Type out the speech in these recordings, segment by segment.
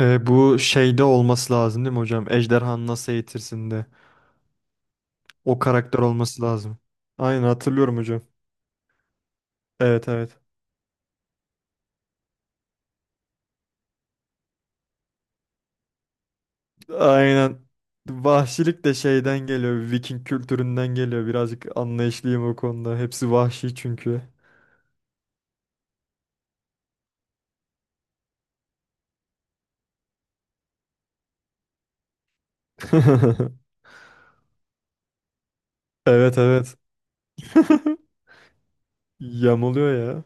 Bu şeyde olması lazım değil mi hocam? Ejderhanı nasıl eğitirsin'de. O karakter olması lazım. Aynen hatırlıyorum hocam. Evet, evet. Aynen. Vahşilik de şeyden geliyor. Viking kültüründen geliyor. Birazcık anlayışlıyım o konuda. Hepsi vahşi çünkü. Evet, evet. Yamuluyor ya.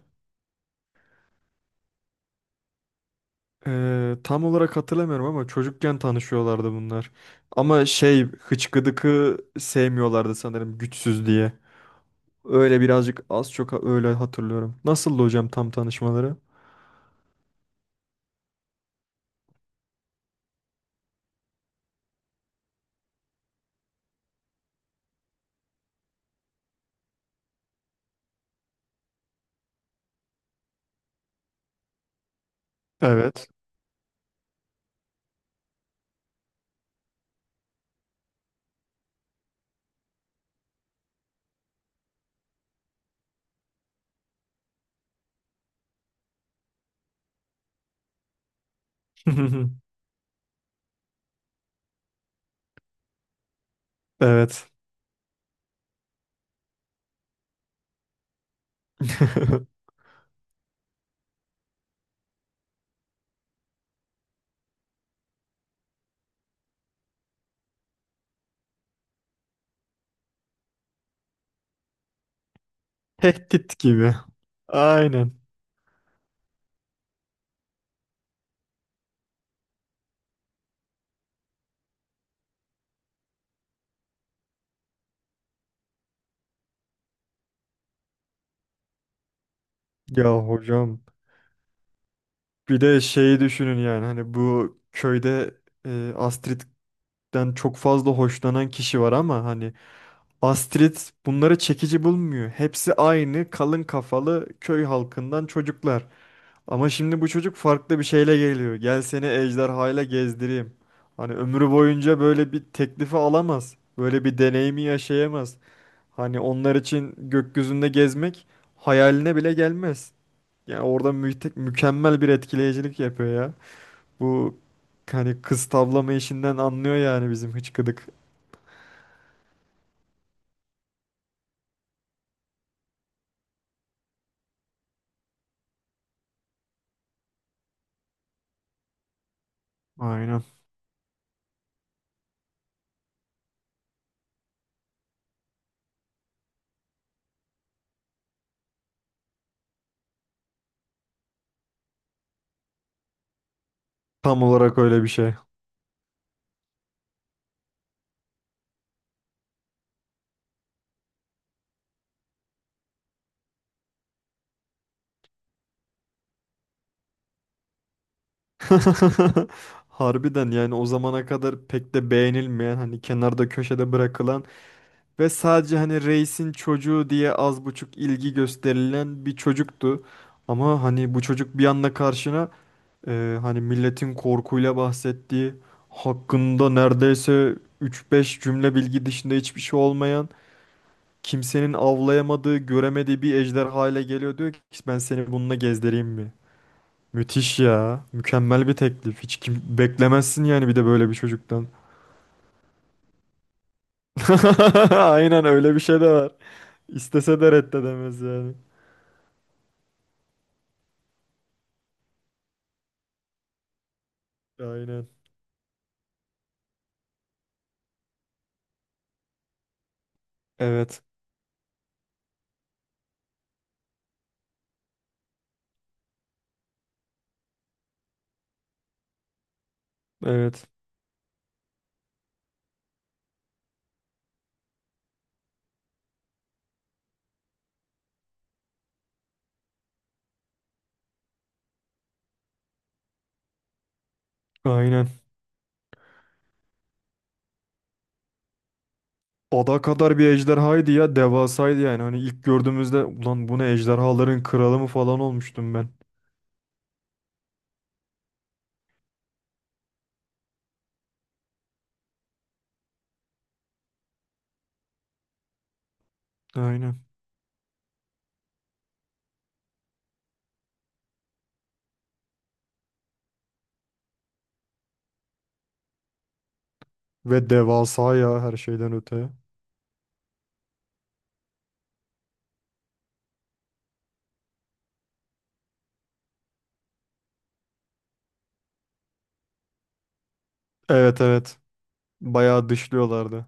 Tam olarak hatırlamıyorum ama çocukken tanışıyorlardı bunlar. Ama şey hıçkıdıkı sevmiyorlardı sanırım güçsüz diye. Öyle birazcık az çok öyle hatırlıyorum. Nasıldı hocam tam tanışmaları? Evet. Evet. Tehdit gibi. Aynen. Ya hocam, bir de şeyi düşünün, yani hani bu köyde Astrid'den çok fazla hoşlanan kişi var ama hani Astrid bunları çekici bulmuyor. Hepsi aynı kalın kafalı köy halkından çocuklar. Ama şimdi bu çocuk farklı bir şeyle geliyor. Gel seni ejderhayla gezdireyim. Hani ömrü boyunca böyle bir teklifi alamaz. Böyle bir deneyimi yaşayamaz. Hani onlar için gökyüzünde gezmek hayaline bile gelmez. Yani orada mükemmel bir etkileyicilik yapıyor ya. Bu hani kız tavlama işinden anlıyor yani bizim hıçkıdık. Aynen. Tam olarak öyle bir şey. Harbiden, yani o zamana kadar pek de beğenilmeyen, hani kenarda köşede bırakılan ve sadece hani reisin çocuğu diye az buçuk ilgi gösterilen bir çocuktu. Ama hani bu çocuk bir anda karşına hani milletin korkuyla bahsettiği, hakkında neredeyse üç beş cümle bilgi dışında hiçbir şey olmayan, kimsenin avlayamadığı, göremediği bir ejderha ile geliyor, diyor ki ben seni bununla gezdireyim mi? Müthiş ya. Mükemmel bir teklif. Hiç kim beklemezsin yani, bir de böyle bir çocuktan. Aynen, öyle bir şey de var. İstese de reddedemez yani. Aynen. Evet. Evet. Aynen. Ada kadar bir ejderhaydı ya. Devasaydı yani. Hani ilk gördüğümüzde ulan bu ne, ejderhaların kralı mı falan olmuştum ben. Aynen. Ve devasa ya, her şeyden öte. Evet, evet. Bayağı dışlıyorlardı.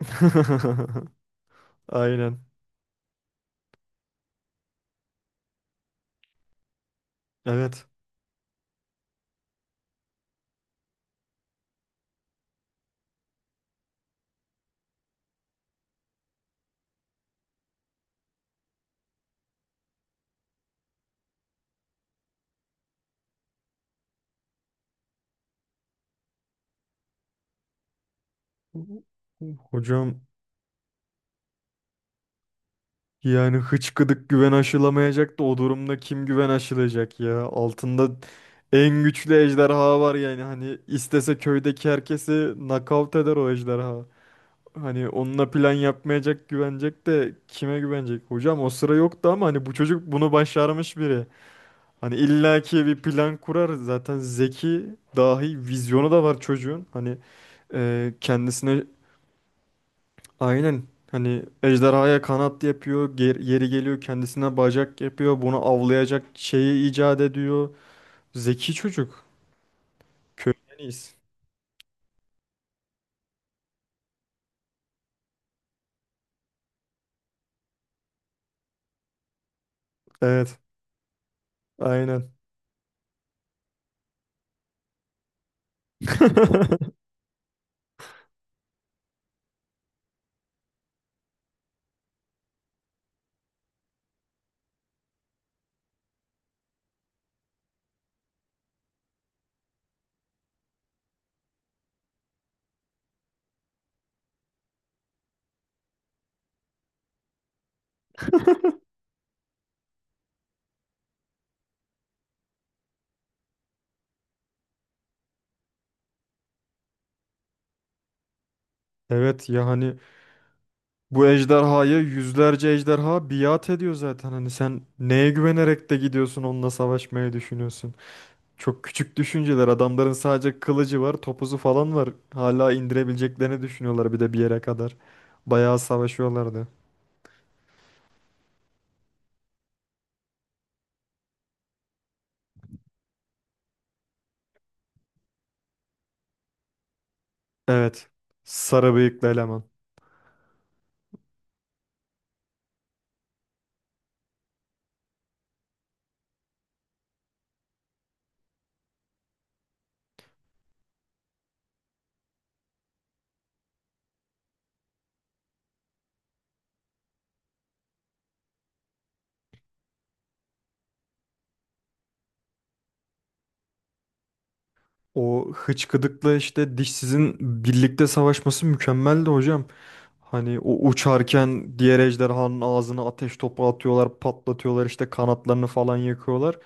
Aynen. Evet. Hocam, yani hıçkıdık güven aşılamayacak da o durumda kim güven aşılayacak ya? Altında en güçlü ejderha var yani, hani istese köydeki herkesi nakavt eder o ejderha. Hani onunla plan yapmayacak, güvenecek de kime güvenecek? Hocam o sıra yoktu ama hani bu çocuk bunu başarmış biri. Hani illaki bir plan kurar, zaten zeki, dahi vizyonu da var çocuğun. Hani kendisine. Aynen. Hani ejderhaya kanat yapıyor, yeri geliyor kendisine bacak yapıyor, bunu avlayacak şeyi icat ediyor. Zeki çocuk. Köyden iyiyiz. Evet, aynen. Evet ya, hani bu ejderhaya yüzlerce ejderha biat ediyor zaten. Hani sen neye güvenerek de gidiyorsun onunla savaşmaya, düşünüyorsun. Çok küçük düşünceler. Adamların sadece kılıcı var, topuzu falan var. Hala indirebileceklerini düşünüyorlar bir de, bir yere kadar. Bayağı savaşıyorlardı. Evet. Sarı bıyıklı eleman. O hıçkıdıkla işte dişsizin birlikte savaşması mükemmeldi hocam. Hani o uçarken diğer ejderhanın ağzına ateş topu atıyorlar, patlatıyorlar, işte kanatlarını falan yakıyorlar.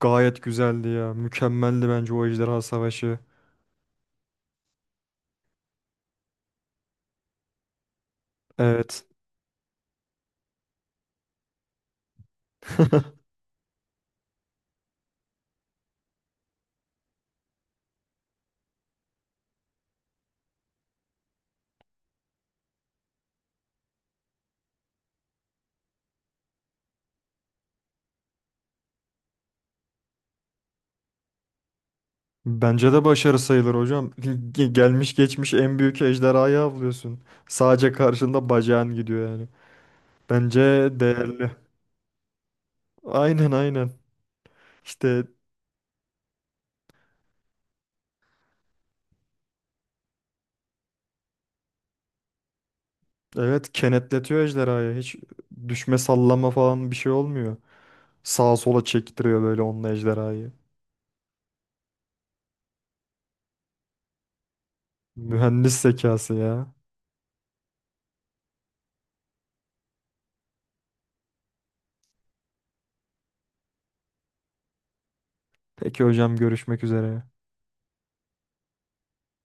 Gayet güzeldi ya. Mükemmeldi bence o ejderha savaşı. Evet. Bence de başarı sayılır hocam. Gelmiş geçmiş en büyük ejderhayı avlıyorsun. Sadece karşında bacağın gidiyor yani. Bence değerli. Aynen, aynen. İşte. Evet, kenetletiyor ejderhayı. Hiç düşme, sallama falan bir şey olmuyor. Sağa sola çektiriyor böyle onunla ejderhayı. Mühendis zekası ya. Peki hocam, görüşmek üzere.